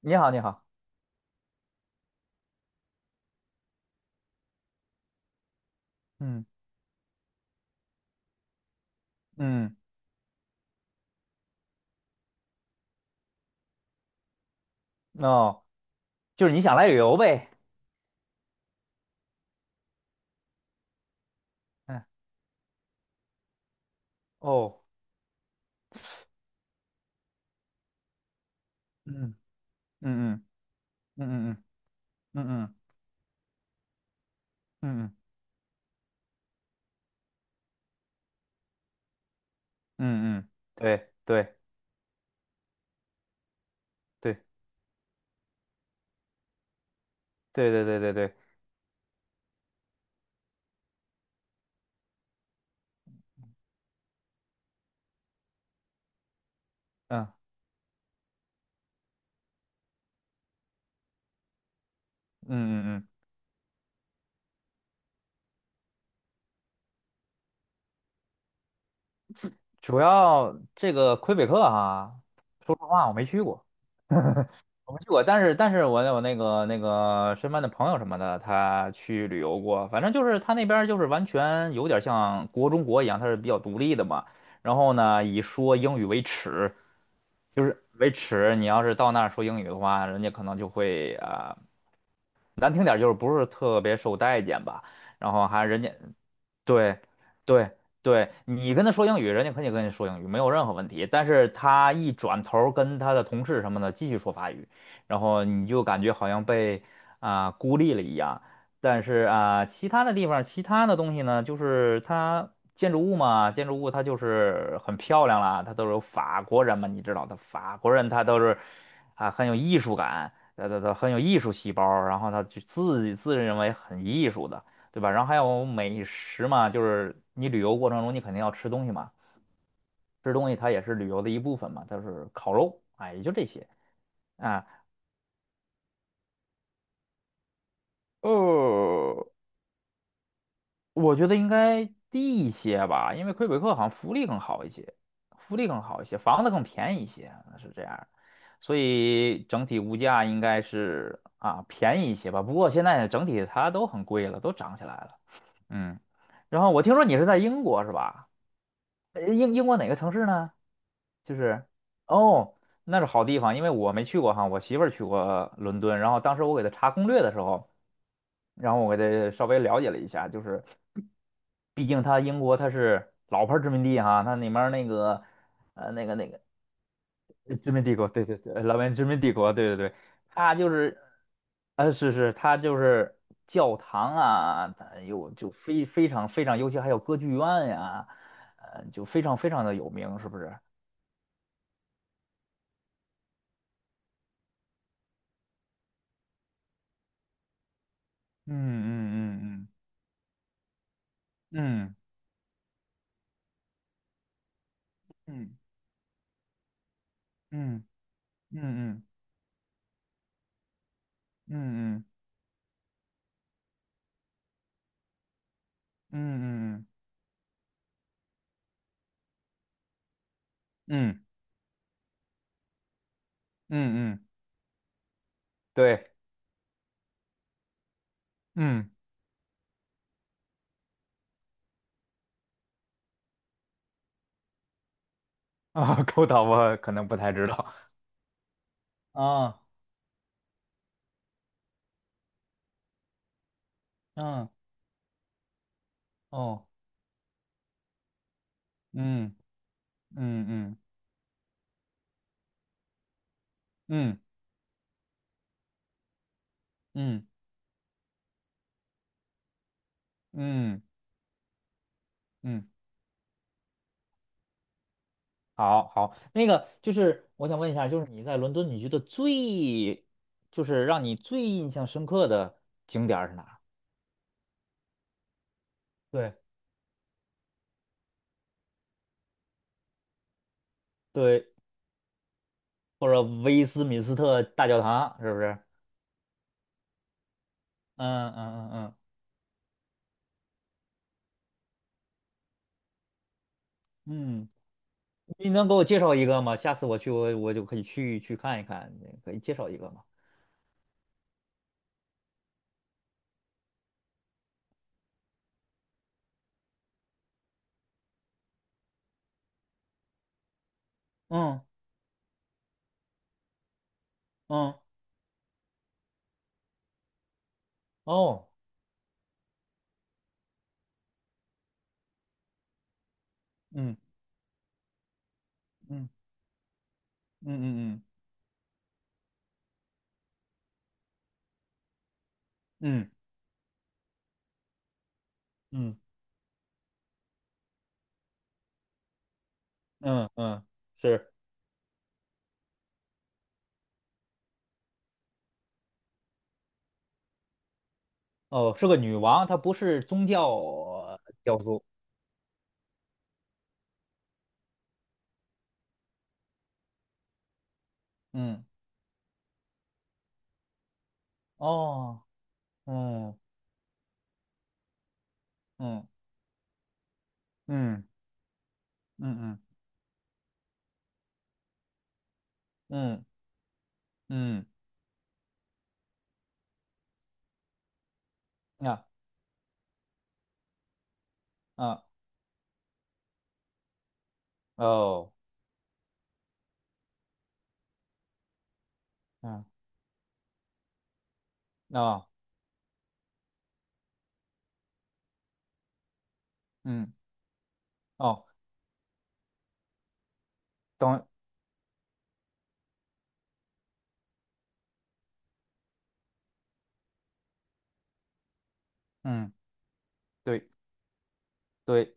你好，你好，嗯嗯，哦，就是你想来旅游呗，嗯，哦，嗯嗯嗯嗯嗯嗯嗯嗯嗯嗯嗯，对对对对对对对对，嗯嗯嗯嗯，主要这个魁北克哈，说实话我没去过，我没去过，但是我有那个身边的朋友什么的，他去旅游过，反正就是他那边儿就是完全有点像国中国一样，他是比较独立的嘛。然后呢，以说英语为耻，就是为耻。你要是到那儿说英语的话，人家可能就会难听点儿就是不是特别受待见吧。然后还人家对，对，对，你跟他说英语，人家肯定跟你说英语，没有任何问题。但是他一转头儿跟他的同事什么的继续说法语，然后你就感觉好像被孤立了一样。但是其他的地方，其他的东西呢，就是它建筑物嘛，建筑物它就是很漂亮啦，它都是有法国人嘛，你知道的，法国人他都是很有艺术感，他很有艺术细胞，然后他就自己自认为很艺术的。对吧？然后还有美食嘛，就是你旅游过程中你肯定要吃东西嘛，吃东西它也是旅游的一部分嘛，就是烤肉，哎，也就这些啊。呃，我觉得应该低一些吧，因为魁北克好像福利更好一些，福利更好一些，房子更便宜一些，是这样的。所以整体物价应该是便宜一些吧。不过现在整体它都很贵了，都涨起来了。嗯，然后我听说你是在英国是吧？英国哪个城市呢？就是哦，那是好地方，因为我没去过哈，我媳妇儿去过伦敦，然后当时我给她查攻略的时候，然后我给她稍微了解了一下，就是毕竟它英国它是老牌儿殖民地哈，它里面儿呃那个那个殖民帝国，对对对，老牌殖民帝国，对对对，它就是它就是教堂啊，它有就非常非常，尤其还有歌剧院呀、就非常非常的有名，是不是？嗯嗯嗯嗯。嗯嗯嗯嗯嗯嗯嗯嗯嗯嗯嗯嗯，对，嗯啊，勾导我可能不太知道啊，嗯哦，嗯嗯嗯嗯嗯嗯嗯，好好，那个就是我想问一下，就是你在伦敦，你觉得最就是让你最印象深刻的景点儿是哪儿？对对，或者威斯敏斯特大教堂是不是？嗯嗯嗯嗯嗯。你能给我介绍一个吗？下次我去，我就可以去看一看，可以介绍一个吗？嗯嗯哦，嗯嗯嗯嗯嗯嗯嗯嗯，嗯是哦，是个女王，她不是宗教雕塑。嗯哦，嗯嗯嗯嗯嗯嗯，啊啊哦，嗯啊嗯哦，等，嗯，对对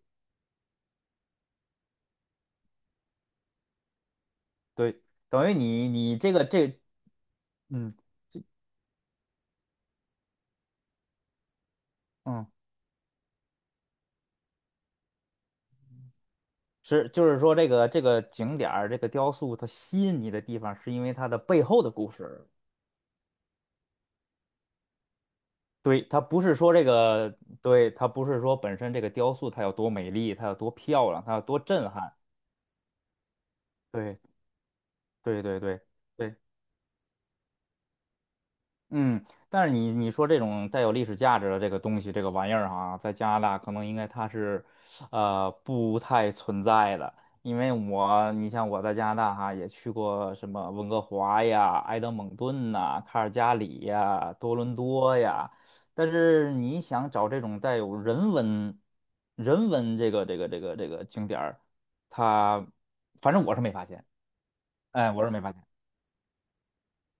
对，等于你这个这，嗯。嗯是，就是说这个景点儿，这个雕塑，它吸引你的地方是因为它的背后的故事。对，它不是说这个，对，它不是说本身这个雕塑它有多美丽，它有多漂亮，它有多震撼。对，对，对，对，对。嗯，但是你说这种带有历史价值的这个东西，这个玩意儿哈，在加拿大可能应该它是，不太存在的。因为我，你像我在加拿大哈，也去过什么温哥华呀、埃德蒙顿呐、卡尔加里呀、多伦多呀，但是你想找这种带有人文、人文这个景点儿，它反正我是没发现，哎，我是没发现。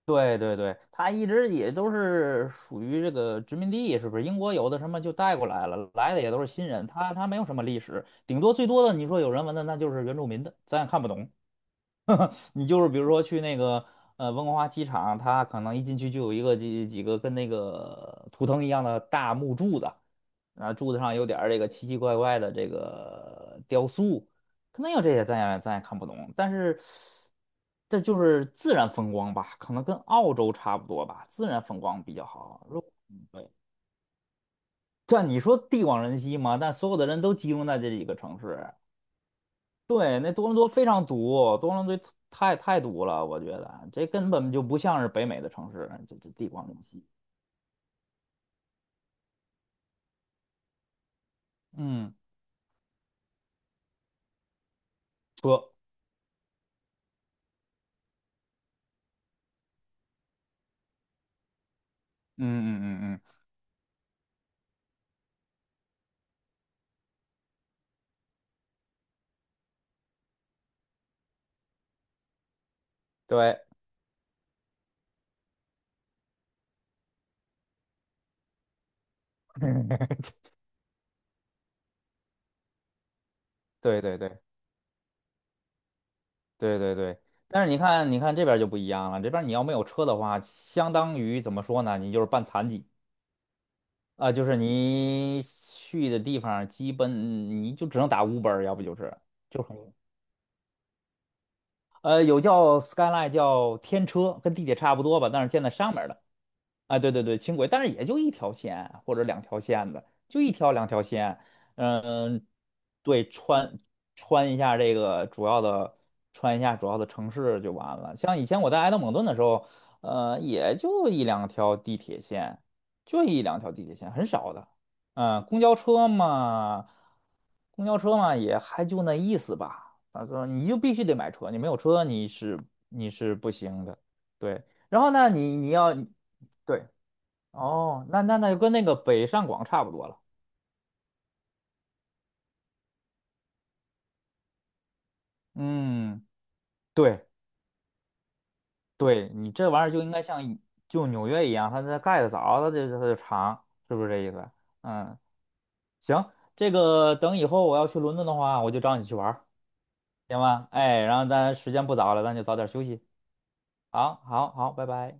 对对对，他一直也都是属于这个殖民地，是不是？英国有的什么就带过来了，来的也都是新人，他没有什么历史，顶多最多的你说有人文的，那就是原住民的，咱也看不懂。你就是比如说去那个温哥华机场，它可能一进去就有一个几几个跟那个图腾一样的大木柱子，然后柱子上有点儿这个奇奇怪怪的这个雕塑，可能有这些咱也看不懂，但是这就是自然风光吧，可能跟澳洲差不多吧，自然风光比较好。嗯对，但你说地广人稀嘛，但所有的人都集中在这几个城市，对，那多伦多非常堵，多伦多太堵了，我觉得这根本就不像是北美的城市，这地广人稀。嗯，车，嗯嗯嗯嗯，对，对对对对对对。但是你看，你看这边儿就不一样了，这边儿你要没有车的话，相当于怎么说呢？你就是半残疾就是你去的地方，基本你就只能打 Uber，要不就是有叫 Skyline 叫天车，跟地铁差不多吧，但是建在上面儿的。啊，对对对，轻轨，但是也就一条线或者两条线的，就一条两条线。嗯，对，穿一下这个主要的，穿一下主要的城市就完了。像以前我在埃德蒙顿的时候，也就一两条地铁线，就一两条地铁线，很少的。嗯，公交车嘛，也还就那意思吧。他说你就必须得买车，你没有车你是不行的。对，然后呢，你要对。哦，那就跟那个北上广差不多了。嗯，对对，你这玩意儿就应该就纽约一样，它盖的早，它就长，是不是这意思？嗯，行，这个等以后我要去伦敦的话，我就找你去玩儿行吗？哎，然后咱时间不早了，咱就早点休息。好，好，好，拜拜。